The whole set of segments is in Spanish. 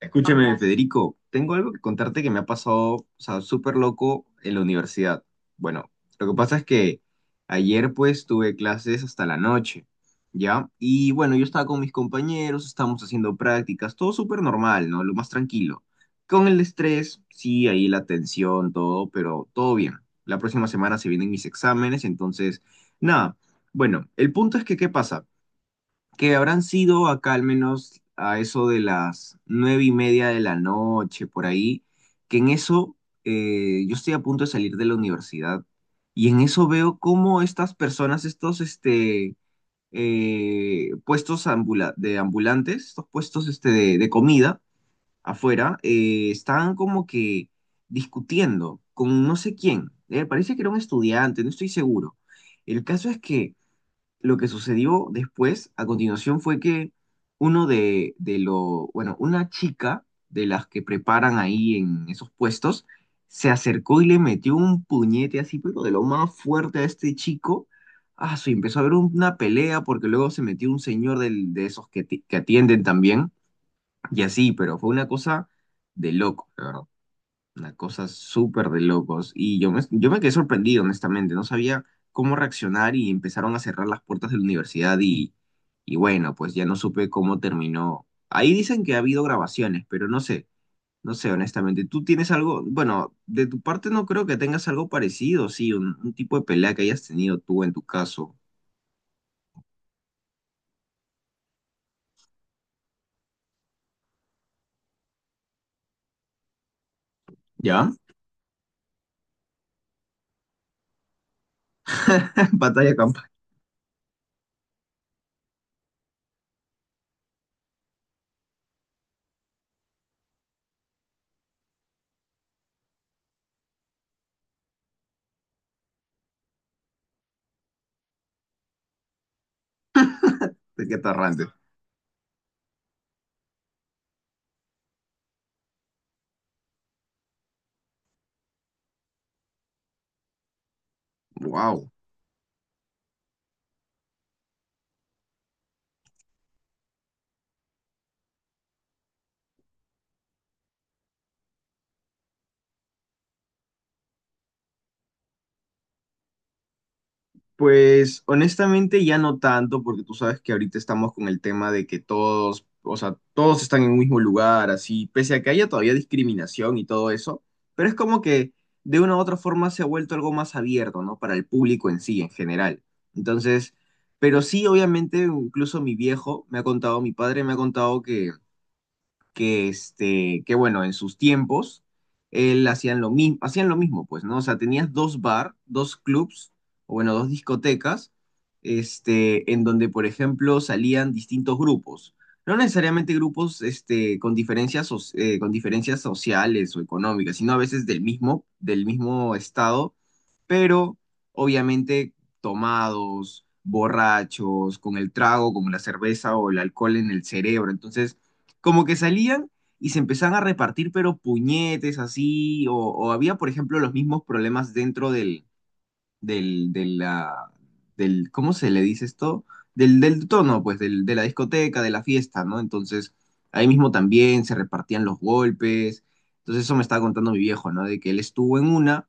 Escúchame, Federico, tengo algo que contarte que me ha pasado, o sea, súper loco en la universidad. Bueno, lo que pasa es que ayer pues tuve clases hasta la noche, ¿ya? Y bueno, yo estaba con mis compañeros, estábamos haciendo prácticas, todo súper normal, ¿no? Lo más tranquilo. Con el estrés, sí, ahí la tensión, todo, pero todo bien. La próxima semana se vienen mis exámenes, entonces, nada. Bueno, el punto es que, ¿qué pasa? Que habrán sido acá al menos a eso de las 9:30 de la noche, por ahí, que en eso yo estoy a punto de salir de la universidad y en eso veo cómo estas personas, puestos ambula- de ambulantes, estos puestos de comida afuera, estaban como que discutiendo con no sé quién. Parece que era un estudiante, no estoy seguro. El caso es que lo que sucedió después, a continuación, fue que uno de lo, bueno, una chica de las que preparan ahí en esos puestos, se acercó y le metió un puñete así, pero de lo más fuerte a este chico. Ah, sí, empezó a haber una pelea porque luego se metió un señor de esos que, que atienden también y así, pero fue una cosa de loco, la verdad. Una cosa súper de locos. Y yo me quedé sorprendido, honestamente. No sabía cómo reaccionar y empezaron a cerrar las puertas de la universidad y bueno, pues ya no supe cómo terminó. Ahí dicen que ha habido grabaciones, pero no sé, honestamente. ¿Tú tienes algo? Bueno, de tu parte no creo que tengas algo parecido, sí, un tipo de pelea que hayas tenido tú en tu caso. ¿Ya? Batalla campal de Quetarrante. Wow. Pues honestamente ya no tanto, porque tú sabes que ahorita estamos con el tema de que todos, o sea, todos están en un mismo lugar, así, pese a que haya todavía discriminación y todo eso, pero es como que de una u otra forma se ha vuelto algo más abierto, ¿no? Para el público en sí, en general. Entonces, pero sí, obviamente, incluso mi viejo me ha contado, mi padre me ha contado que bueno, en sus tiempos, él hacían lo mismo, pues, ¿no? O sea, tenías dos clubs, o bueno, dos discotecas, en donde, por ejemplo, salían distintos grupos. No necesariamente grupos con diferencias, con diferencias sociales o económicas, sino a veces del mismo estado, pero obviamente tomados, borrachos, con el trago, con la cerveza o el alcohol en el cerebro. Entonces, como que salían y se empezaban a repartir, pero puñetes así, o había, por ejemplo, los mismos problemas dentro del, de la, del, ¿cómo se le dice esto? Del tono, pues, del, de la discoteca, de la fiesta, ¿no? Entonces, ahí mismo también se repartían los golpes. Entonces, eso me estaba contando mi viejo, ¿no? De que él estuvo en una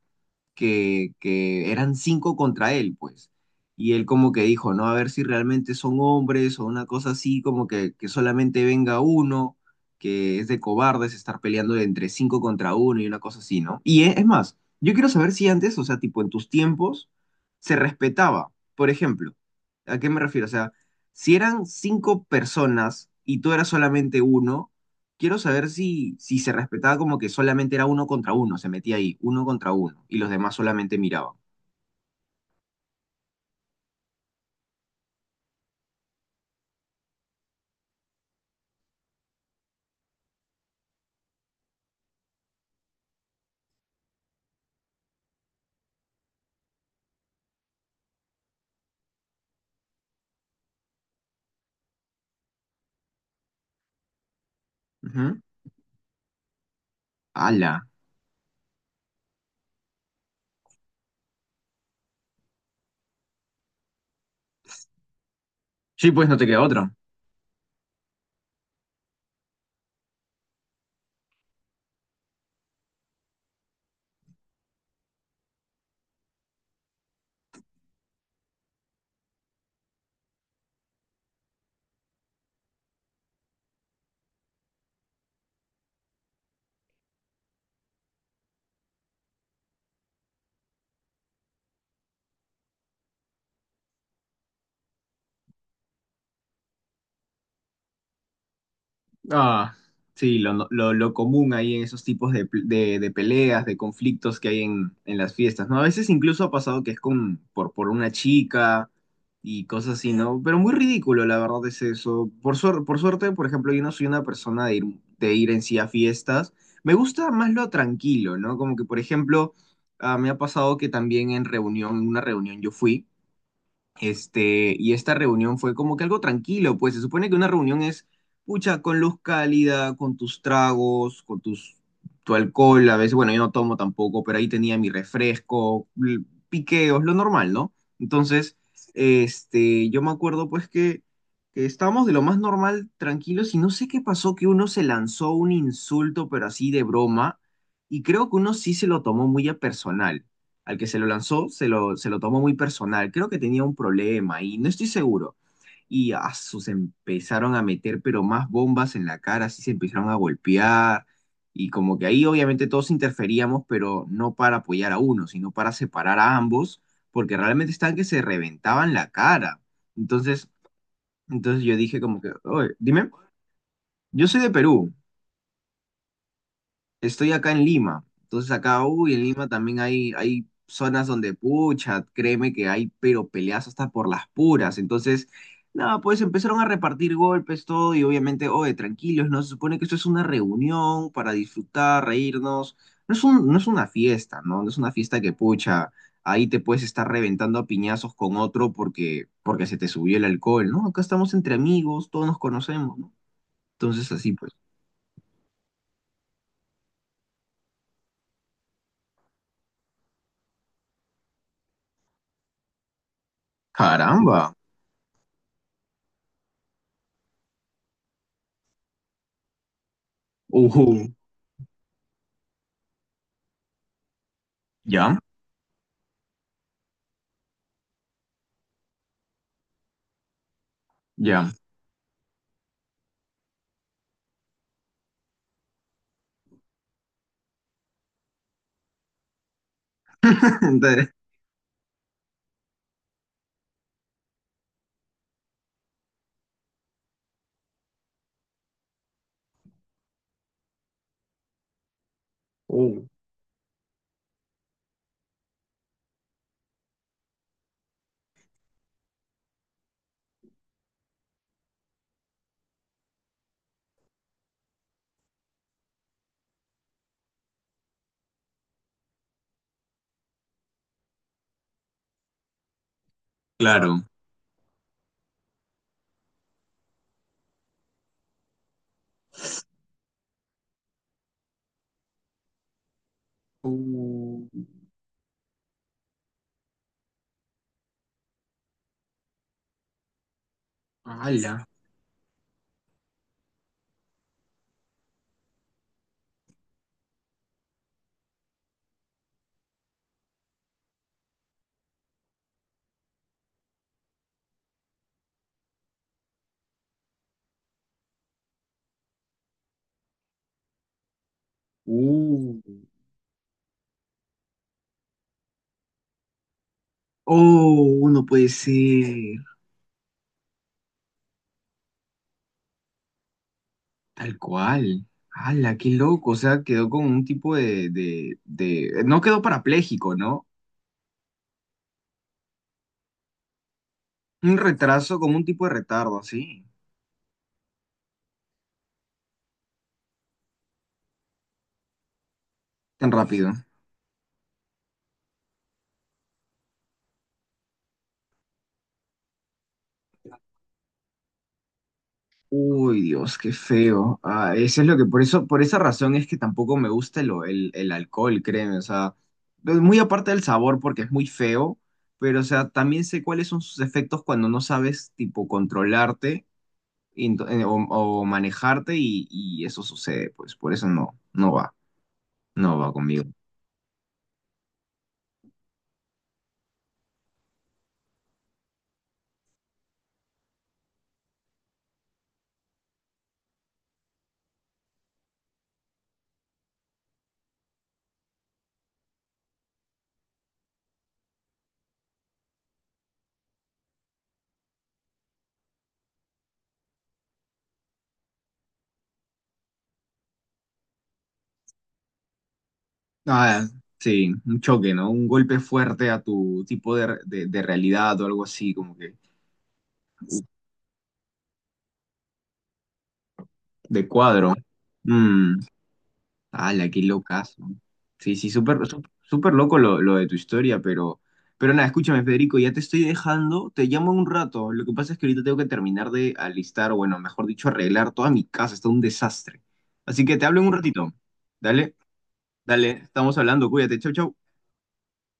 que eran cinco contra él, pues. Y él como que dijo, no, a ver si realmente son hombres o una cosa así, como que solamente venga uno, que es de cobardes estar peleando de entre cinco contra uno y una cosa así, ¿no? Y es más, yo quiero saber si antes, o sea, tipo en tus tiempos, se respetaba. Por ejemplo, ¿a qué me refiero? O sea, si eran cinco personas y tú eras solamente uno, quiero saber si se respetaba como que solamente era uno contra uno, se metía ahí, uno contra uno, y los demás solamente miraban. Ujú. ¡Hala! Sí, pues no te queda otro. Ah, sí, lo, no- lo común ahí en esos tipos de, de peleas, de conflictos que hay en las fiestas, ¿no? A veces incluso ha pasado que es por una chica y cosas así, ¿no? Pero muy ridículo, la verdad, es eso. Por suerte, por ejemplo, yo no soy una persona de de ir en sí a fiestas. Me gusta más lo tranquilo, ¿no? Como que, por ejemplo, ah, me ha pasado que también en una reunión yo fui. Y esta reunión fue como que algo tranquilo, pues se supone que una reunión es, pucha, con luz cálida, con tus tragos, tu alcohol, a veces, bueno, yo no tomo tampoco, pero ahí tenía mi refresco, piqueos, lo normal, ¿no? Entonces, yo me acuerdo pues que estábamos de lo más normal, tranquilos, y no sé qué pasó, que uno se lanzó un insulto, pero así de broma, y creo que uno sí se lo tomó muy a personal al que se lo lanzó se lo tomó muy personal. Creo que tenía un problema y no estoy seguro. Se empezaron a meter, pero más bombas en la cara, así se empezaron a golpear. Y como que ahí obviamente todos interferíamos, pero no para apoyar a uno, sino para separar a ambos, porque realmente estaban que se reventaban la cara. Entonces, entonces yo dije como que, "Oye, dime, yo soy de Perú, estoy acá en Lima". Entonces acá, uy, en Lima también hay zonas donde, pucha, créeme que hay, pero peleas hasta por las puras, entonces, nada, pues empezaron a repartir golpes, todo, y obviamente, oye, tranquilos, ¿no? Se supone que esto es una reunión para disfrutar, reírnos, no es una fiesta, ¿no? No es una fiesta que, pucha, ahí te puedes estar reventando a piñazos con otro porque se te subió el alcohol, ¿no? Acá estamos entre amigos, todos nos conocemos, ¿no? Entonces, así pues, caramba, ujú, ¿ya? Ya, entonces, claro. ¡Hala! ¡Uh! ¡Oh! No puede ser. Tal cual. ¡Hala! ¡Qué loco! O sea, quedó con un tipo No quedó parapléjico, ¿no? Un retraso, como un tipo de retardo, así. Tan rápido. Uy, Dios, qué feo. Ah, eso es lo que, por eso, por esa razón es que tampoco me gusta el alcohol, créeme. O sea, pues, muy aparte del sabor porque es muy feo, pero o sea, también sé cuáles son sus efectos cuando no sabes, tipo, controlarte y o manejarte y eso sucede, pues por eso no va, no va conmigo. Ah, sí, un choque, ¿no? Un golpe fuerte a tu tipo de realidad o algo así, como que de cuadro. Mm. ¡Ala, qué locazo! Sí, sí, súper súper súper loco lo de tu historia, pero nada, escúchame, Federico, ya te estoy dejando, te llamo en un rato. Lo que pasa es que ahorita tengo que terminar de alistar, o bueno, mejor dicho, arreglar toda mi casa, está un desastre. Así que te hablo en un ratito. Dale, dale, estamos hablando, cuídate, chau, chau.